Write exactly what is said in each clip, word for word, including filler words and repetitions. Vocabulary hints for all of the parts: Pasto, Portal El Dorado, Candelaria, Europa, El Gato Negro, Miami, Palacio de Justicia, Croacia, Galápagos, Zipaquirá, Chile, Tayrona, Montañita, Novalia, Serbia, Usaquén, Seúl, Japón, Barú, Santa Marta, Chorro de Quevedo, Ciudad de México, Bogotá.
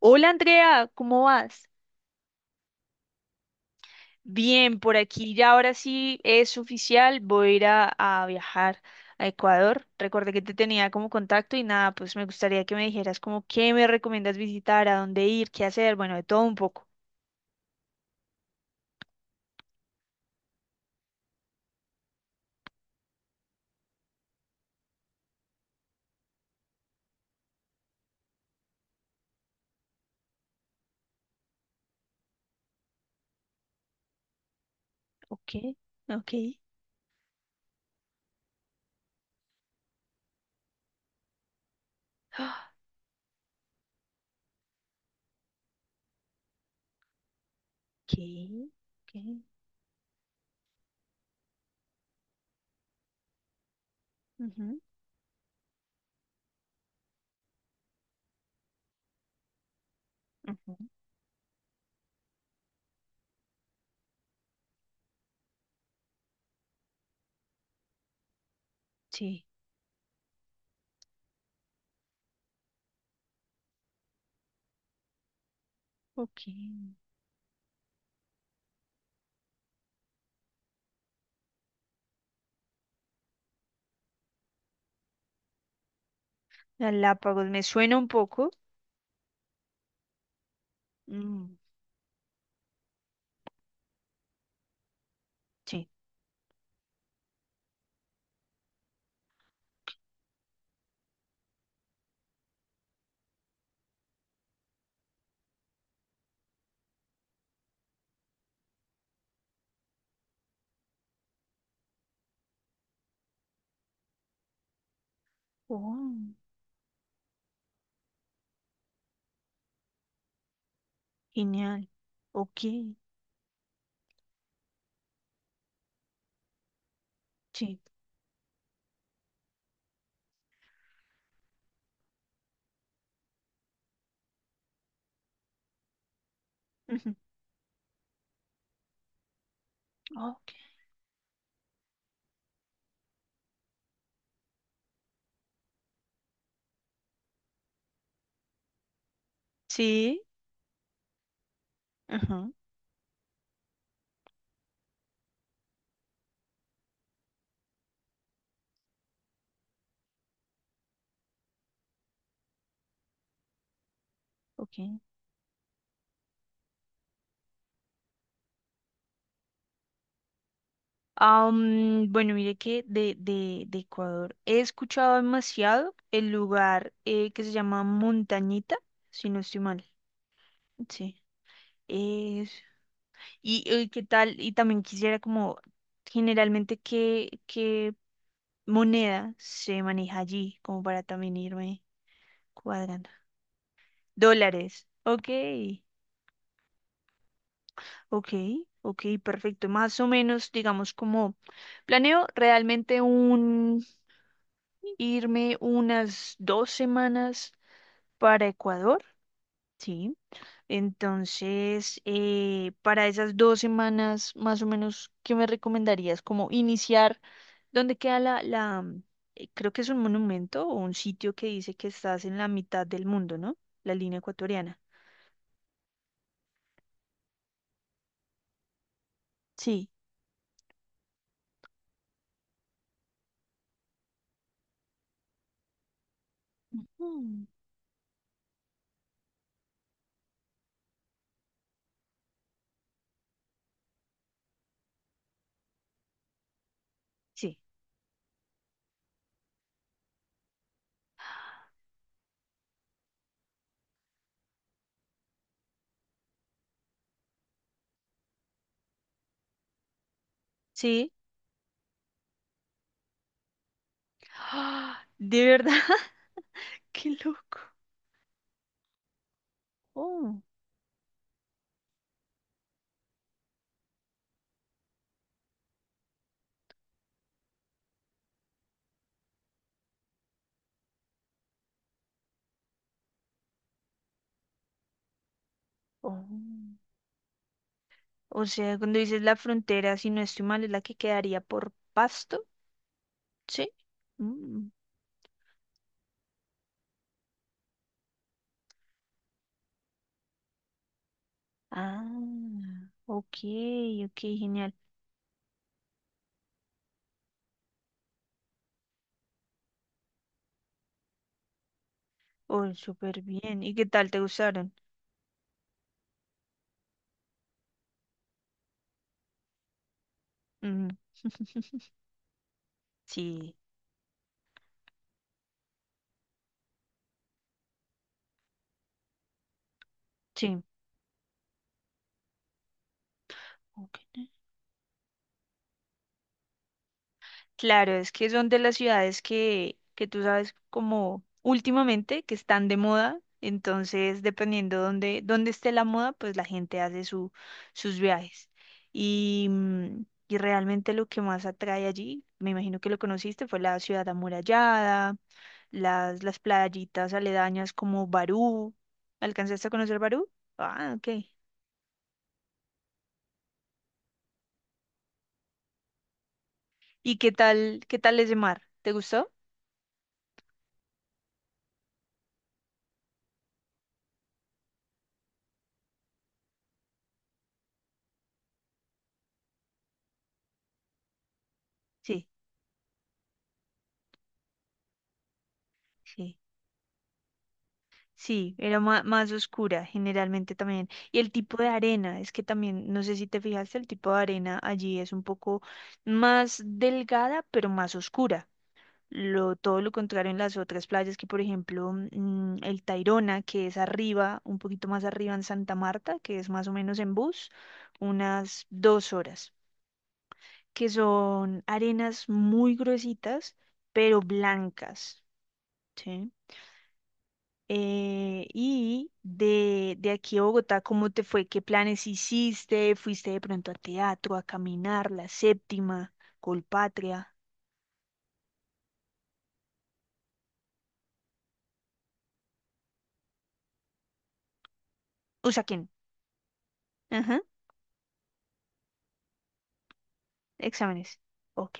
Hola Andrea, ¿cómo vas? Bien, por aquí ya ahora sí es oficial, voy a ir a, a viajar a Ecuador. Recordé que te tenía como contacto y nada, pues me gustaría que me dijeras como qué me recomiendas visitar, a dónde ir, qué hacer, bueno, de todo un poco. Ok, ok. ah, Ok, ok. ujú, ujú, Sí, ok. Galápagos, me suena un poco. mm, sí. Oh, genial. Ok, sí. ujú, ok. Sí. Ajá, ok. Ah, mm, bueno, mire que de, de, de Ecuador he escuchado demasiado el lugar eh, que se llama Montañita, si no estoy mal. Sí. Es... Y, eh, qué tal, y también quisiera como generalmente qué, qué moneda se maneja allí, como para también irme cuadrando. Dólares. Ok, ok, ok, perfecto. Más o menos, digamos, como planeo realmente irme unas dos semanas para Ecuador, ¿sí? Entonces, eh, para esas dos semanas, más o menos, ¿qué me recomendarías? Como iniciar, ¿dónde queda la, la, mm, eh, creo que es un monumento o un sitio que dice que estás en la mitad del mundo, ¿no? La línea ecuatoriana. Sí. Ujú. Sí. Sí. ¡Ah! ¿De verdad? ¡Qué loco! Oh, oh. O sea, cuando dices la frontera, si no estoy mal, es la que quedaría por Pasto, ¿sí? Mm. Ah, ok, ok, genial. Oh, súper bien. ¿Y qué tal te gustaron? Mm. Sí, sí. Ok. Claro, es que son de las ciudades que, que tú sabes como últimamente que están de moda, entonces dependiendo dónde, dónde esté la moda, pues la gente hace su, sus viajes. Y, mm, y realmente lo que más atrae allí, me imagino que lo conociste, fue la ciudad amurallada, las, las playitas aledañas como Barú. ¿Alcanzaste a conocer Barú? Ah, ok. ¿Y qué tal, qué tal ese mar? ¿Te gustó? Sí, sí. Sí, era ma- más oscura generalmente también. Y el tipo de arena, es que también, no sé si te fijaste, el tipo de arena allí es un poco más delgada, pero más oscura. Lo, todo lo contrario en las otras playas, que por ejemplo mm, el Tayrona, que es arriba, un poquito más arriba en Santa Marta, que es más o menos en bus, unas dos horas, que son arenas muy gruesitas, pero blancas. ¿Sí? Eh, y de, de aquí a Bogotá, ¿cómo te fue? ¿Qué planes hiciste? ¿Fuiste de pronto a teatro, a caminar, la séptima, Colpatria? Usaquén. Ajá, exámenes. Ok.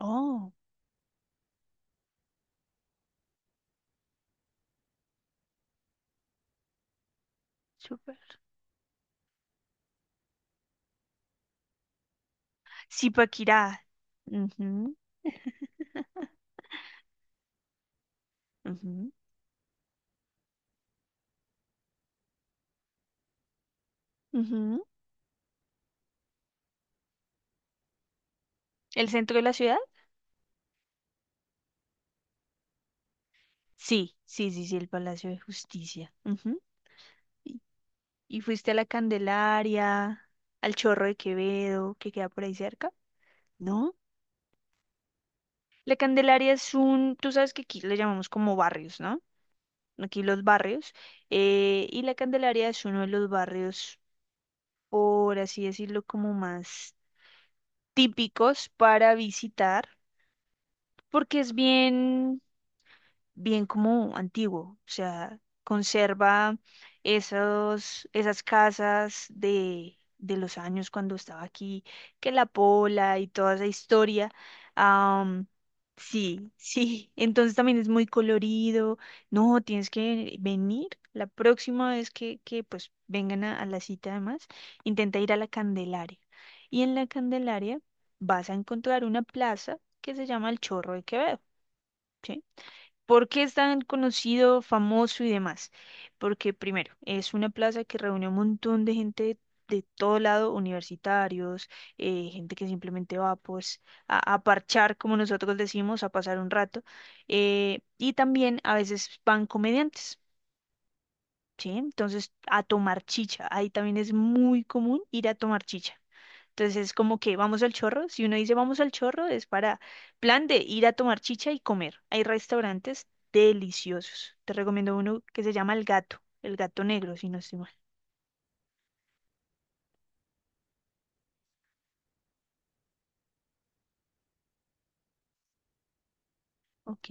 Oh, súper. Zipaquirá. Ujú, ujú, ujú. ¿El centro de la ciudad? Sí, sí, sí, sí, el Palacio de Justicia. Ujú. ¿Y, y fuiste a la Candelaria, al Chorro de Quevedo, que queda por ahí cerca? ¿No? La Candelaria es un, tú sabes que aquí le llamamos como barrios, ¿no? Aquí los barrios. Eh, y la Candelaria es uno de los barrios, por así decirlo, como más típicos para visitar, porque es bien, bien como antiguo, o sea, conserva esos, esas casas de, de los años cuando estaba aquí, que la pola y toda esa historia. am, sí, sí, entonces también es muy colorido. No, tienes que venir la próxima vez que, que pues vengan a, a la cita además, intenta ir a la Candelaria. Y en la Candelaria vas a encontrar una plaza que se llama el Chorro de Quevedo. ¿Sí? ¿Por qué es tan conocido, famoso y demás? Porque primero, es una plaza que reúne un montón de gente de todo lado, universitarios, eh, gente que simplemente va pues a, a parchar, como nosotros decimos, a pasar un rato. Eh, y también a veces van comediantes, ¿sí? Entonces, a tomar chicha. Ahí también es muy común ir a tomar chicha. Entonces, como que vamos al chorro. Si uno dice vamos al chorro, es para plan de ir a tomar chicha y comer. Hay restaurantes deliciosos. Te recomiendo uno que se llama El Gato, El Gato Negro, si no estoy mal. Ok,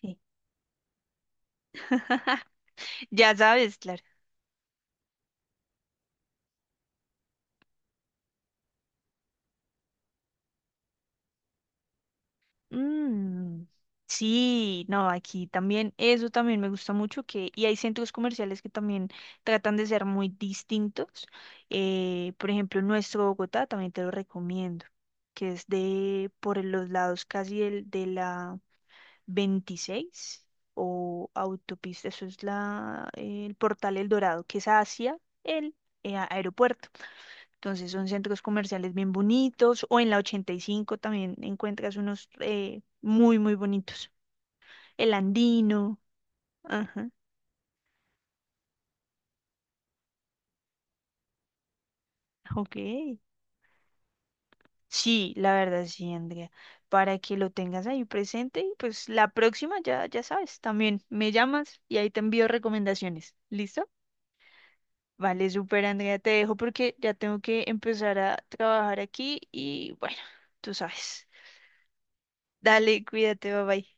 sí. Ya sabes, claro. Mm, sí, no, aquí también, eso también me gusta mucho que, y hay centros comerciales que también tratan de ser muy distintos. Eh, por ejemplo, nuestro Bogotá también te lo recomiendo, que es de por los lados casi del- de la veintiséis o autopista, eso es la, el Portal El Dorado, que es hacia el eh, aeropuerto. Entonces son centros comerciales bien bonitos o en la ochenta y cinco también encuentras unos eh, muy, muy bonitos. El Andino. Ajá, ok. Sí, la verdad sí, Andrea. Para que lo tengas ahí presente y pues la próxima ya, ya sabes, también me llamas y ahí te envío recomendaciones. ¿Listo? Vale, súper, Andrea. Te dejo porque ya tengo que empezar a trabajar aquí y bueno, tú sabes. Dale, cuídate, bye bye.